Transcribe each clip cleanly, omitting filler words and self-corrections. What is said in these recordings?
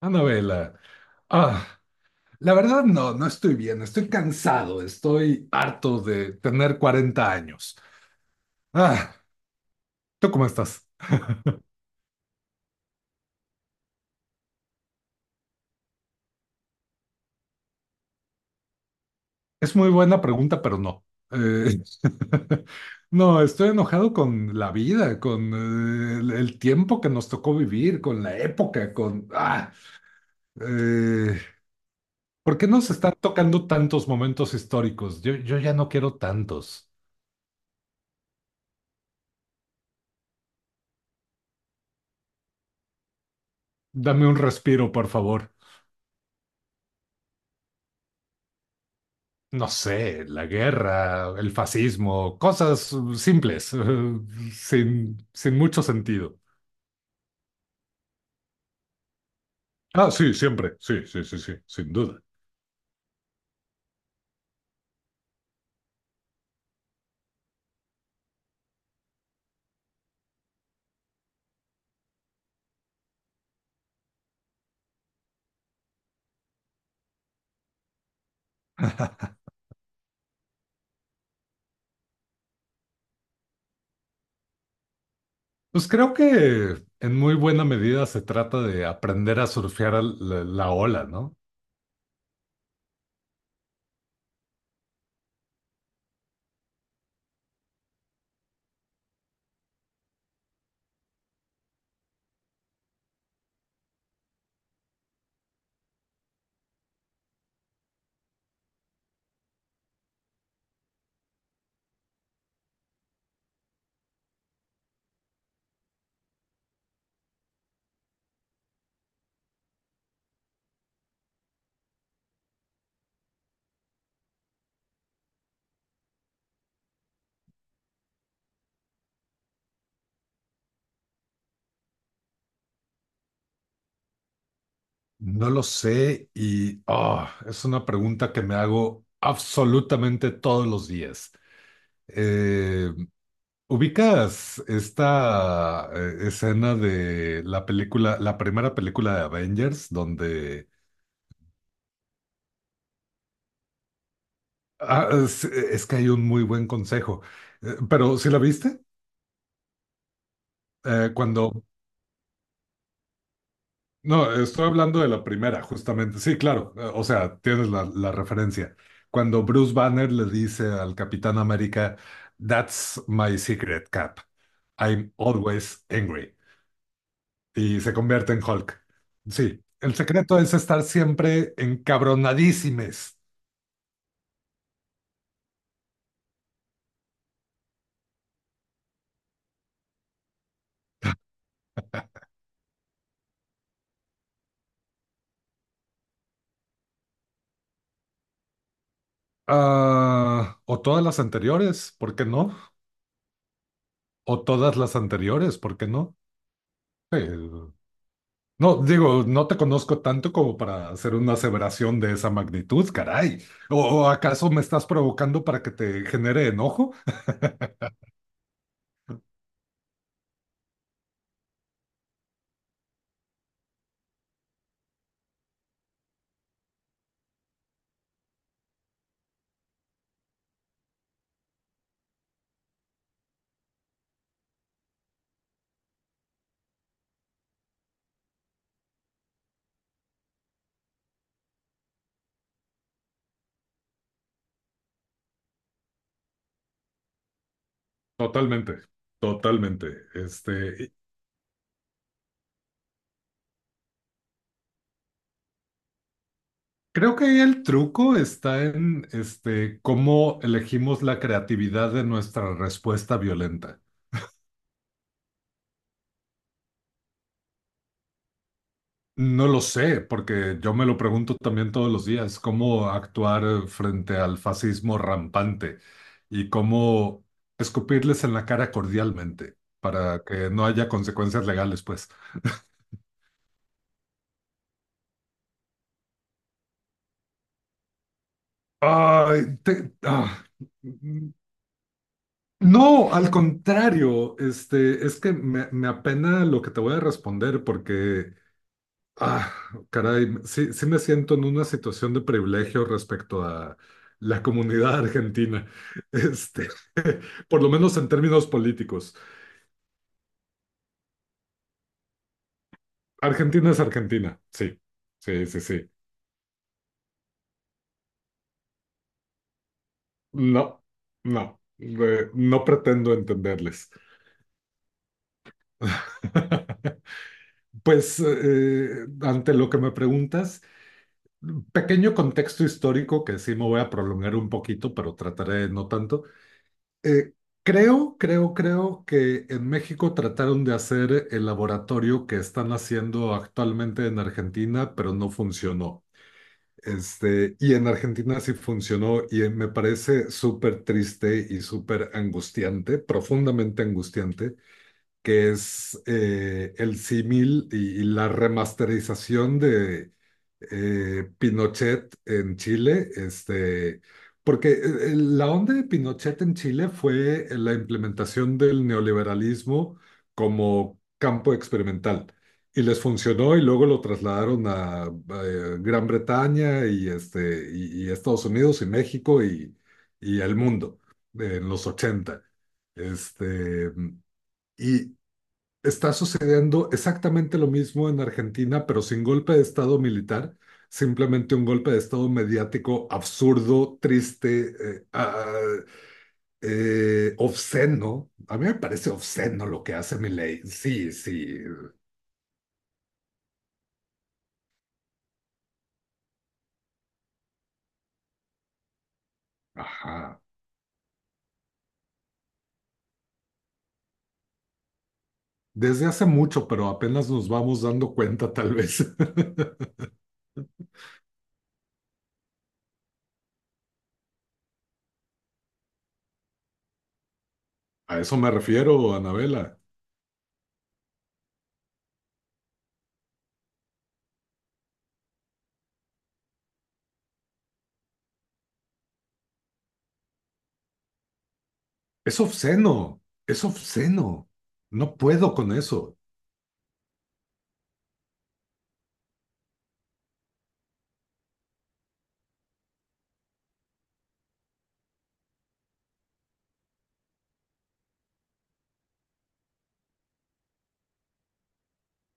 Anabela, ah, la verdad no, no estoy bien. Estoy cansado, estoy harto de tener 40 años. Ah, ¿Tú cómo estás? Es muy buena pregunta, pero no. Eh, no, estoy enojado con la vida, con el tiempo que nos tocó vivir, con la época, con... eh, ¿Por qué nos están tocando tantos momentos históricos? Yo ya no quiero tantos. Dame un respiro, por favor. No sé, la guerra, el fascismo, cosas simples, sin mucho sentido. Ah, sí, siempre, sí, sí, sí, sí, sin duda. Pues creo que en muy buena medida se trata de aprender a surfear la ola, ¿no? No lo sé, y es una pregunta que me hago absolutamente todos los días. Eh, ¿Ubicas esta escena de la película, la primera película de Avengers, donde es que hay un muy buen consejo? ¿Pero sí la viste? Cuando No, estoy hablando de la primera, justamente. Sí, claro, o sea, tienes la referencia. Cuando Bruce Banner le dice al Capitán América, "That's my secret, Cap. I'm always angry", y se convierte en Hulk. Sí, el secreto es estar siempre encabronadísimes. ¿O todas las anteriores? ¿Por qué no? ¿O todas las anteriores? ¿Por qué no? Sí. No, digo, no te conozco tanto como para hacer una aseveración de esa magnitud, caray. ¿O acaso me estás provocando para que te genere enojo? Totalmente, totalmente. Este, Creo que ahí el truco está en cómo elegimos la creatividad de nuestra respuesta violenta. No lo sé, porque yo me lo pregunto también todos los días, cómo actuar frente al fascismo rampante y cómo escupirles en la cara cordialmente para que no haya consecuencias legales, pues. Ay. No, al contrario, es que me apena lo que te voy a responder, porque Ah, caray, sí. Sí me siento en una situación de privilegio respecto a la comunidad argentina, este, por lo menos en términos políticos. Argentina es Argentina, sí, sí, sí, sí. No, no, no pretendo entenderles. Pues ante lo que me preguntas, pequeño contexto histórico que sí me voy a prolongar un poquito, pero trataré de no tanto. Eh, creo que en México trataron de hacer el laboratorio que están haciendo actualmente en Argentina, pero no funcionó. Y en Argentina sí funcionó, y me parece súper triste y súper angustiante, profundamente angustiante, que es el símil y, la remasterización de Pinochet en Chile, porque la onda de Pinochet en Chile fue la implementación del neoliberalismo como campo experimental. Y les funcionó, y luego lo trasladaron a Gran Bretaña y, y Estados Unidos y México y el mundo en los 80. Este, y, Está sucediendo exactamente lo mismo en Argentina, pero sin golpe de estado militar, simplemente un golpe de estado mediático absurdo, triste, obsceno. A mí me parece obsceno lo que hace Milei. Sí, sí, ajá. Desde hace mucho, pero apenas nos vamos dando cuenta, tal vez. A eso me refiero, Anabela. Es obsceno, es obsceno. No puedo con eso.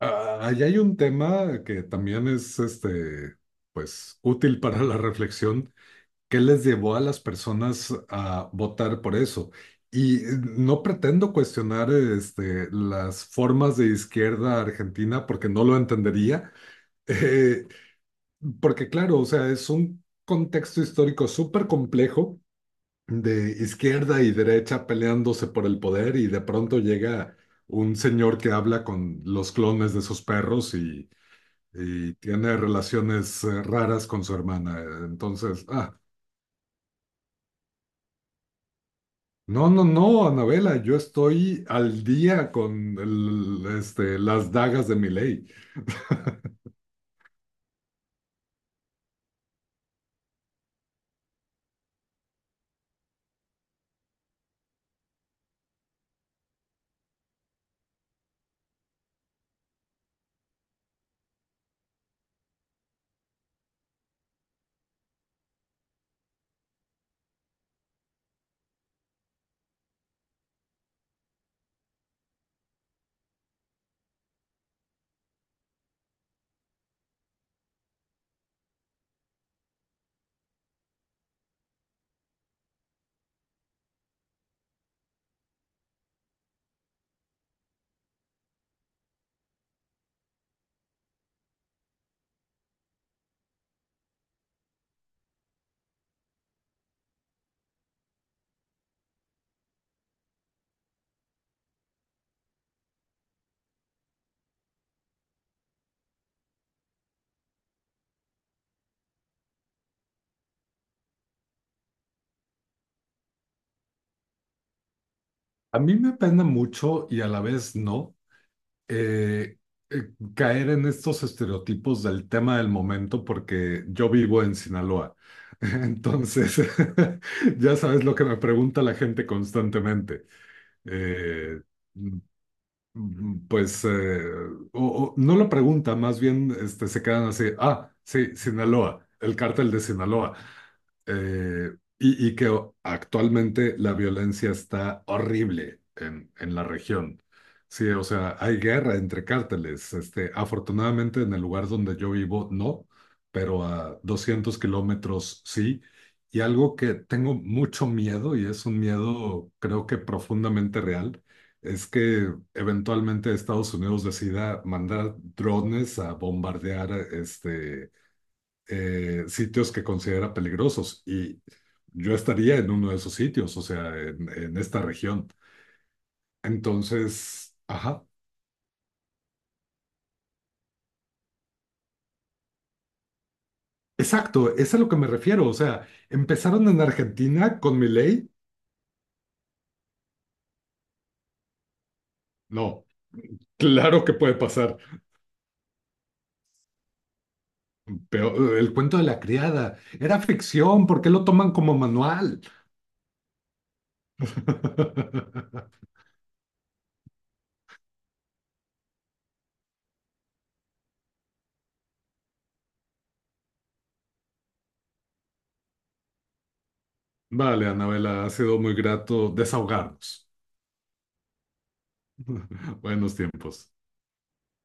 Ahí hay un tema que también es pues, útil para la reflexión. ¿Qué les llevó a las personas a votar por eso? Y no pretendo cuestionar las formas de izquierda argentina, porque no lo entendería. Eh, Porque claro, o sea, es un contexto histórico súper complejo de izquierda y derecha peleándose por el poder, y de pronto llega un señor que habla con los clones de sus perros y tiene relaciones raras con su hermana. Entonces... No, no, no, Anabela, yo estoy al día con las dagas de Milei. A mí me pena mucho, y a la vez no eh, caer en estos estereotipos del tema del momento, porque yo vivo en Sinaloa. Entonces, ya sabes lo que me pregunta la gente constantemente. Eh, Pues o no lo pregunta, más bien se quedan así, ah, sí, Sinaloa, el cártel de Sinaloa. Eh, Actualmente la violencia está horrible en, la región. Sí, o sea, hay guerra entre cárteles. Afortunadamente en el lugar donde yo vivo no, pero a 200 kilómetros sí. Y algo que tengo mucho miedo, y es un miedo creo que profundamente real, es que eventualmente Estados Unidos decida mandar drones a bombardear sitios que considera peligrosos. Y yo estaría en uno de esos sitios, o sea, en esta región. Entonces, ajá. Exacto, es a lo que me refiero. O sea, empezaron en Argentina con mi ley. No, claro que puede pasar. Pero el cuento de la criada era ficción. ¿Por qué lo toman como manual? Vale, Anabela, ha sido muy grato desahogarnos. Buenos tiempos.